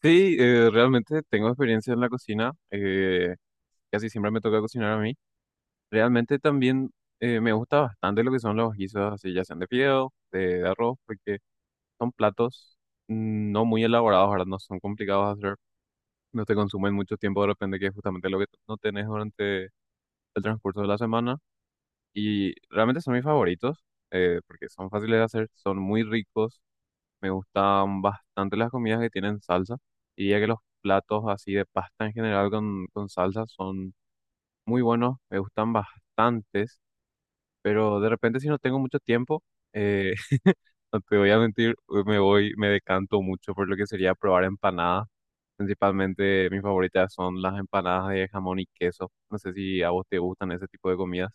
Sí, realmente tengo experiencia en la cocina, casi siempre me toca cocinar a mí. Realmente también me gusta bastante lo que son los guisos, así ya sean de fideo, de arroz, porque son platos no muy elaborados, ¿verdad? No son complicados de hacer, no te consumen mucho tiempo de repente, que es justamente lo que no tenés durante el transcurso de la semana. Y realmente son mis favoritos, porque son fáciles de hacer, son muy ricos. Me gustan bastante las comidas que tienen salsa. Diría que los platos así de pasta en general con salsa son muy buenos, me gustan bastantes, pero de repente si no tengo mucho tiempo, eh, no te voy a mentir, me decanto mucho por lo que sería probar empanadas. Principalmente mis favoritas son las empanadas de jamón y queso. No sé si a vos te gustan ese tipo de comidas.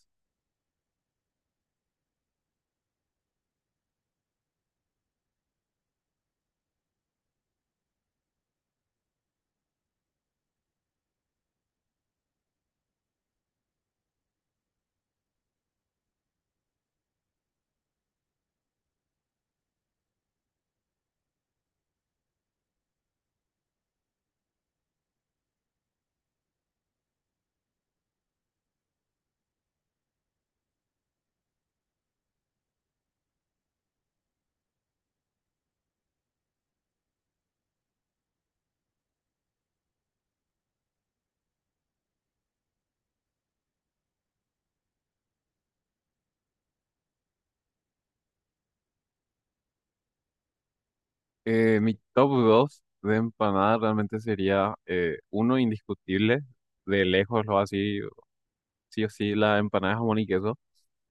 Mi top 2 de empanadas realmente sería uno indiscutible de lejos lo así sí o sí, la empanada de jamón y queso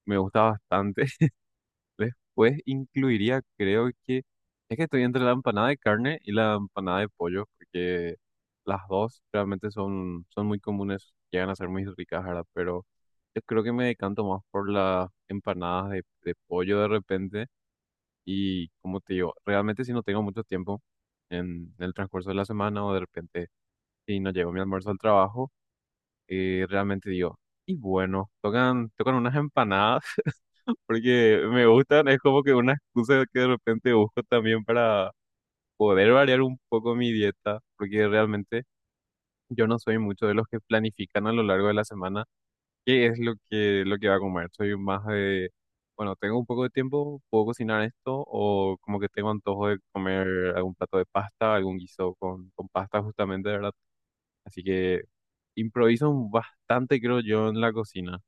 me gusta bastante. Después incluiría, creo que, es que estoy entre la empanada de carne y la empanada de pollo, porque las dos realmente son, son muy comunes, llegan a ser muy ricas, ¿verdad? Pero yo creo que me decanto más por las empanadas de pollo de repente. Y como te digo, realmente si no tengo mucho tiempo en el transcurso de la semana o de repente si no llego mi almuerzo al trabajo, realmente digo, y bueno, tocan, tocan unas empanadas. Porque me gustan, es como que una excusa que de repente busco también para poder variar un poco mi dieta, porque realmente yo no soy mucho de los que planifican a lo largo de la semana qué es lo que va a comer. Soy más de, bueno, tengo un poco de tiempo, puedo cocinar esto, o como que tengo antojo de comer algún plato de pasta, algún guiso con pasta justamente, ¿verdad? Así que improviso bastante, creo yo, en la cocina.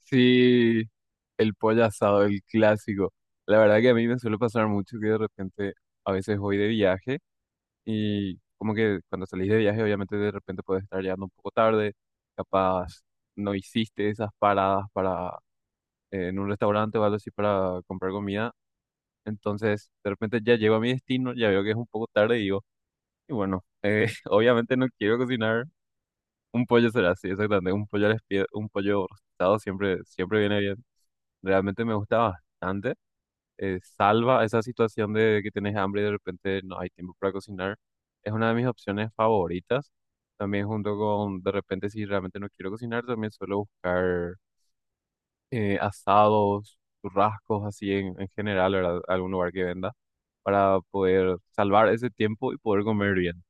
Sí, el pollo asado, el clásico. La verdad que a mí me suele pasar mucho que de repente a veces voy de viaje y como que cuando salís de viaje obviamente de repente puedes estar llegando un poco tarde, capaz no hiciste esas paradas para en un restaurante o algo así para comprar comida. Entonces de repente ya llego a mi destino, ya veo que es un poco tarde y digo, y bueno, obviamente no quiero cocinar. Un pollo será así, exactamente. Un pollo rostizado siempre, siempre viene bien. Realmente me gusta bastante. Salva esa situación de que tienes hambre y de repente no hay tiempo para cocinar. Es una de mis opciones favoritas. También junto con, de repente, si realmente no quiero cocinar, también suelo buscar asados, churrascos, así en general, ¿verdad? Algún lugar que venda, para poder salvar ese tiempo y poder comer bien.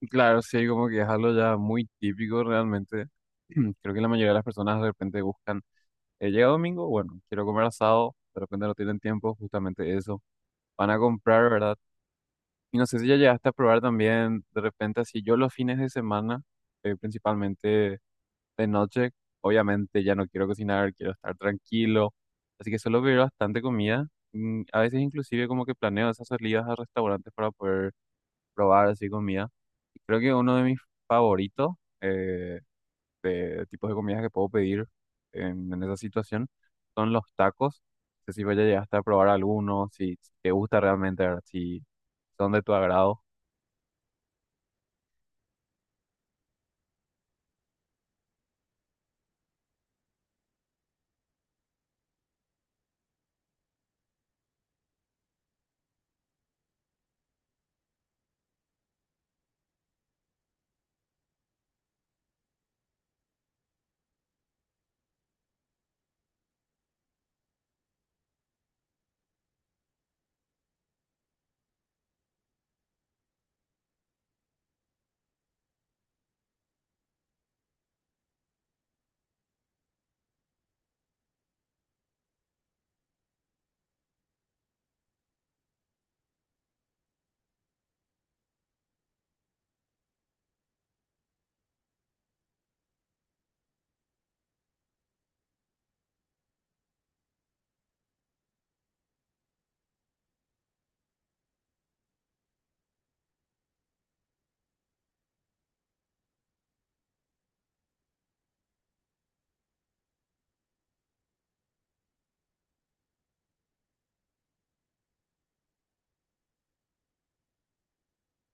Y claro, sí, como que es algo ya muy típico realmente. Creo que la mayoría de las personas de repente buscan, llega domingo, bueno, quiero comer asado, de repente no tienen tiempo, justamente eso. Van a comprar, ¿verdad? Y no sé si ya llegaste a probar también, de repente así, yo los fines de semana, principalmente de noche, obviamente ya no quiero cocinar, quiero estar tranquilo, así que suelo pedir bastante comida. A veces inclusive como que planeo esas salidas a restaurantes para poder probar así comida. Y creo que uno de mis favoritos, eh, de tipos de comidas que puedo pedir en esa situación son los tacos. No sé si vaya llegaste a probar alguno, si, si te gusta realmente, ¿verdad? Si son de tu agrado.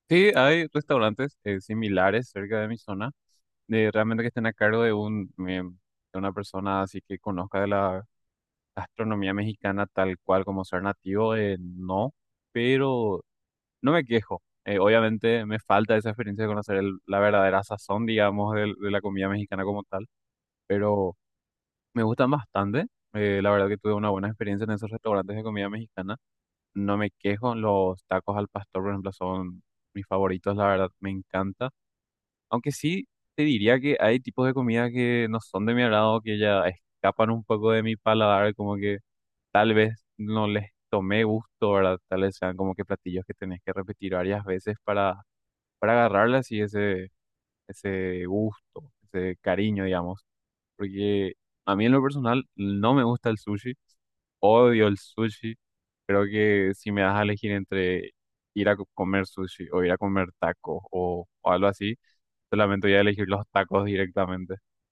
Sí, hay restaurantes similares cerca de mi zona, de realmente que estén a cargo de un de una persona así que conozca de la gastronomía mexicana tal cual como ser nativo, no, pero no me quejo. Obviamente me falta esa experiencia de conocer la verdadera sazón, digamos, de la comida mexicana como tal, pero me gustan bastante. La verdad que tuve una buena experiencia en esos restaurantes de comida mexicana. No me quejo, los tacos al pastor, por ejemplo, son mis favoritos, la verdad, me encanta. Aunque sí te diría que hay tipos de comida que no son de mi agrado, que ya escapan un poco de mi paladar, como que tal vez no les tomé gusto, ¿verdad? Tal vez sean como que platillos que tenés que repetir varias veces para agarrarles y ese gusto, ese cariño, digamos, porque a mí en lo personal no me gusta el sushi, odio el sushi. Creo que si me das a elegir entre ir a comer sushi o ir a comer tacos o algo así, solamente voy a elegir los tacos directamente.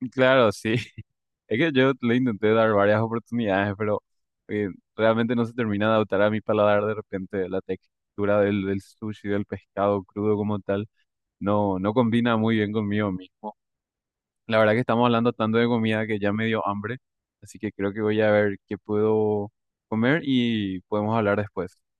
Y claro, sí, es que yo le intenté dar varias oportunidades, pero eh, realmente no se termina de adaptar a mi paladar de repente la textura del sushi, del pescado crudo como tal, no, no combina muy bien conmigo mismo. La verdad que estamos hablando tanto de comida que ya me dio hambre, así que creo que voy a ver qué puedo comer y podemos hablar después.